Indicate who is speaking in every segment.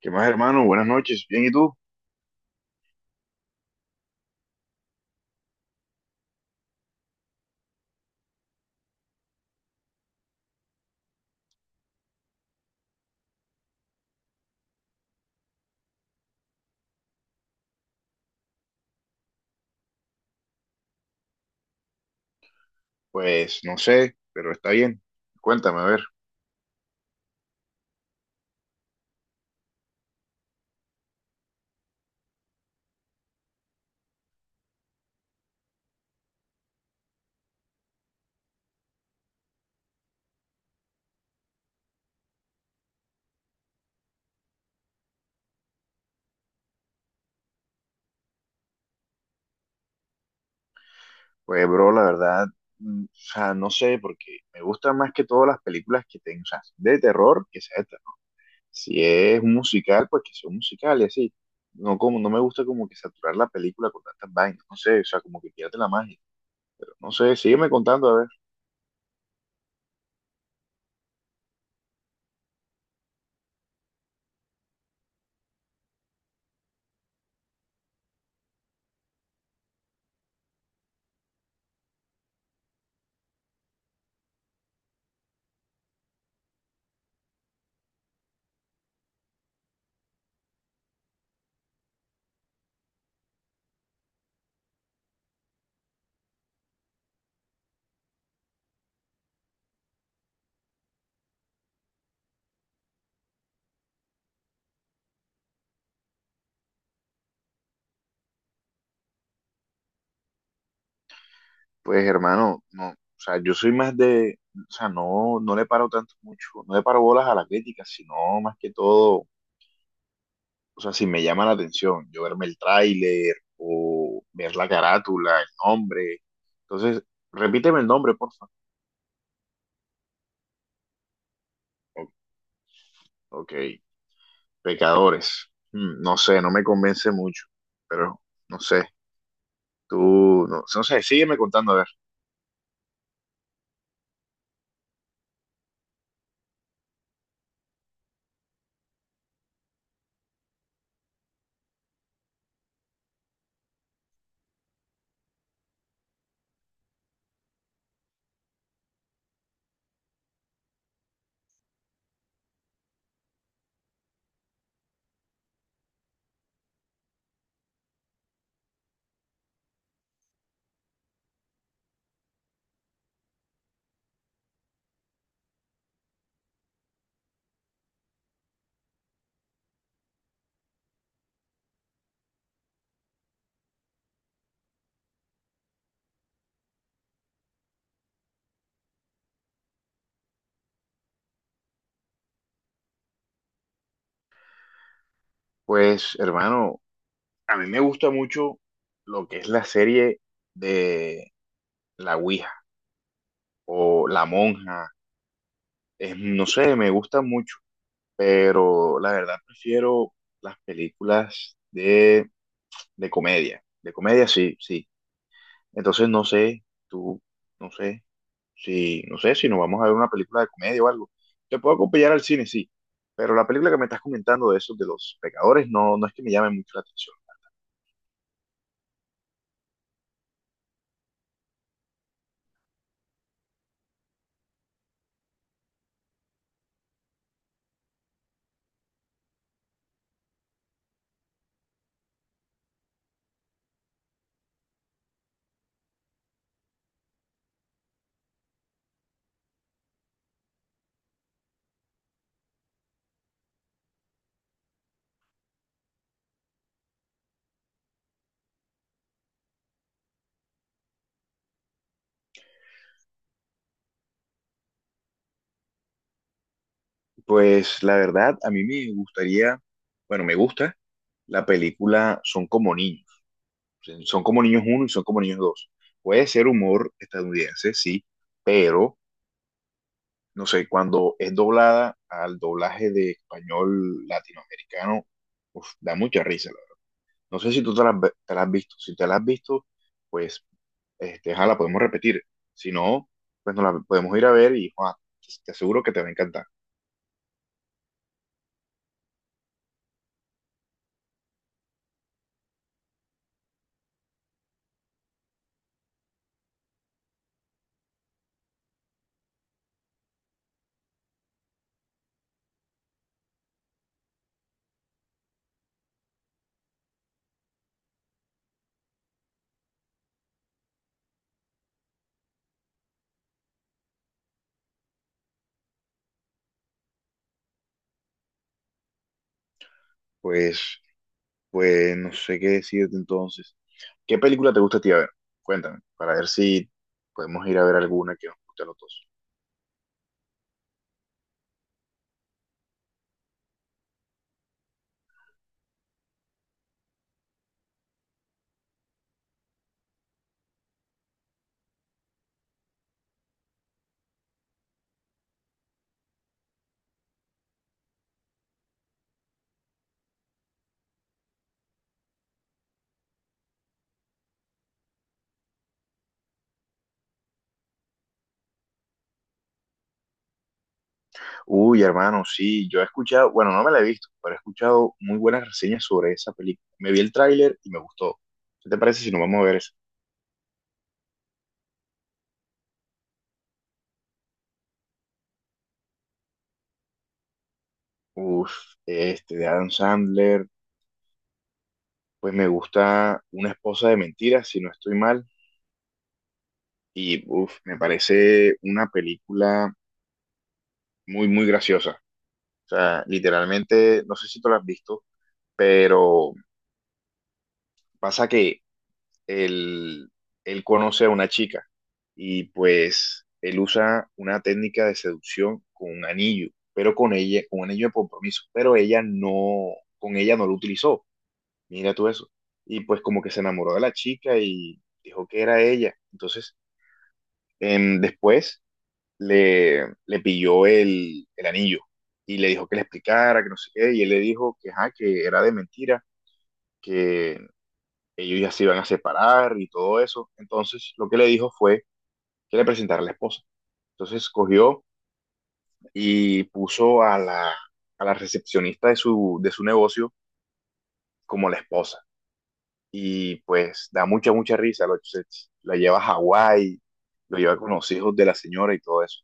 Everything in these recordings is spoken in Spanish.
Speaker 1: ¿Qué más, hermano? Buenas noches. ¿Bien y tú? Pues no sé, pero está bien. Cuéntame, a ver. Pues, bro, la verdad, o sea, no sé, porque me gustan más que todas las películas que tengo, o sea, de terror, que sea de terror. Si es un musical, pues que sea un musical y así. No, como, no me gusta como que saturar la película con tantas vainas, no sé, o sea, como que pierde la magia. Pero no sé, sígueme contando, a ver. Pues, hermano, no, o sea, yo soy más de, o sea, no, no le paro tanto mucho, no le paro bolas a la crítica, sino más que todo o sea, si me llama la atención, yo verme el tráiler o ver la carátula, el nombre. Entonces, repíteme el nombre, por favor. Ok, Pecadores. Mm, no sé, no me convence mucho, pero no sé, tú, no, no sé, sígueme contando, a ver. Pues, hermano, a mí me gusta mucho lo que es la serie de La Ouija o La Monja. No sé, me gusta mucho, pero la verdad prefiero las películas de comedia. De comedia, sí, sí. Entonces no sé, tú, no sé, si, no sé, si nos vamos a ver una película de comedia o algo. Te puedo acompañar al cine, sí. Pero la película que me estás comentando de esos de los pecadores no, no es que me llame mucho la atención. Pues la verdad, a mí me gustaría, bueno, me gusta la película Son como niños. Son como niños uno y son como niños dos. Puede ser humor estadounidense, sí, pero no sé, cuando es doblada al doblaje de español latinoamericano, uf, da mucha risa, la verdad. No sé si tú te la, te la has visto. Si te la has visto, pues, este, ja, la podemos repetir. Si no, pues nos la podemos ir a ver y ja, te aseguro que te va a encantar. Pues, pues no sé qué decirte entonces. ¿Qué película te gusta a ti, a ver? Cuéntame, para ver si podemos ir a ver alguna que nos guste a los dos. Uy, hermano, sí, yo he escuchado, bueno, no me la he visto, pero he escuchado muy buenas reseñas sobre esa película. Me vi el tráiler y me gustó. ¿Qué te parece si nos vamos a ver eso? Uf, este, de Adam Sandler, pues me gusta Una esposa de mentiras, si no estoy mal, y uf, me parece una película muy, muy graciosa. O sea, literalmente, no sé si tú la has visto, pero pasa que él, él conoce a una chica y pues él usa una técnica de seducción con un anillo, pero con ella, con un anillo de compromiso, pero ella no, con ella no lo utilizó. Mira tú eso. Y pues como que se enamoró de la chica y dijo que era ella. Entonces, después le pilló el anillo y le dijo que le explicara, que no sé qué, y él le dijo que, ajá, que era de mentira, que ellos ya se iban a separar y todo eso. Entonces, lo que le dijo fue que le presentara a la esposa. Entonces, cogió y puso a la recepcionista de su negocio como la esposa. Y pues da mucha, mucha risa. La lleva a Hawái, lo lleva con los hijos de la señora y todo eso.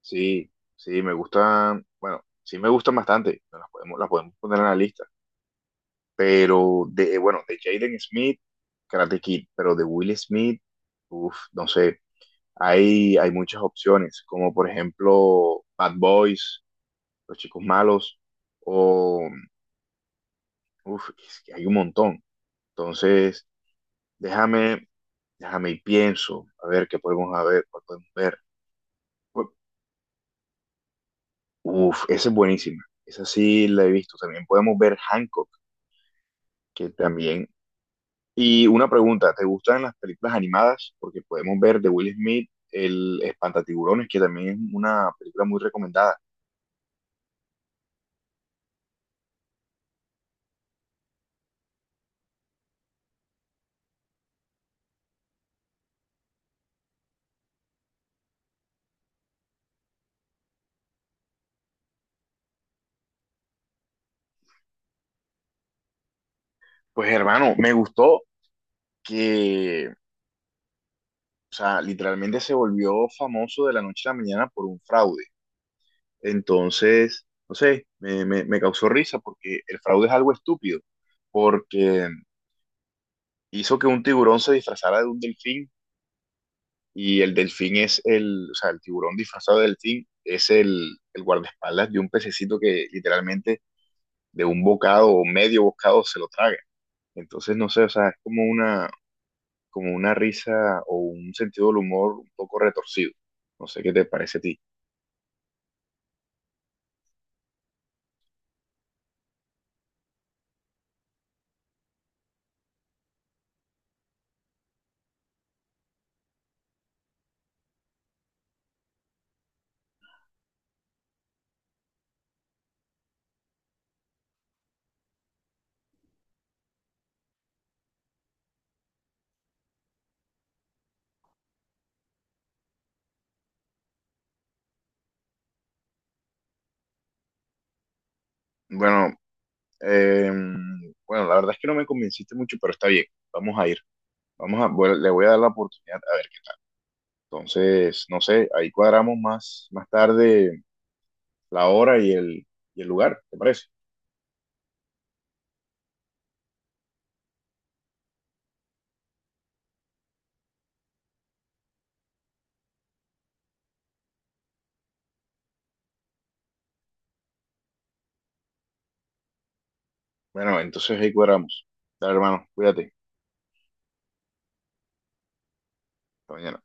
Speaker 1: Sí, sí, me gustan, bueno, sí me gustan bastante. Las podemos poner en la lista. Pero de, bueno, de Jaden Smith, Karate Kid, pero de Will Smith, uff, no sé. Hay muchas opciones, como por ejemplo Bad Boys, Los Chicos Malos, o uf, es que hay un montón. Entonces, déjame, déjame y pienso, a ver qué podemos a ver, cuál podemos ver. Uf, esa es buenísima. Esa sí la he visto. También podemos ver Hancock, que también. Y una pregunta, ¿te gustan las películas animadas? Porque podemos ver de Will Smith, El Espantatiburones, que también es una película muy recomendada. Pues hermano, me gustó que o sea, literalmente se volvió famoso de la noche a la mañana por un fraude. Entonces, no sé, me causó risa porque el fraude es algo estúpido, porque hizo que un tiburón se disfrazara de un delfín y el delfín es el, o sea, el tiburón disfrazado de delfín es el guardaespaldas de un pececito que literalmente de un bocado o medio bocado se lo traga. Entonces, no sé, o sea, es como una risa o un sentido del humor un poco retorcido. No sé qué te parece a ti. Bueno, em, bueno, la verdad es que no me convenciste mucho, pero está bien. Vamos a ir. Vamos a, bueno, le voy a dar la oportunidad a ver qué tal. Entonces, no sé, ahí cuadramos más, más tarde la hora y y el lugar, ¿te parece? Bueno, entonces ahí cuadramos. Dale, hermano, cuídate. Hasta mañana.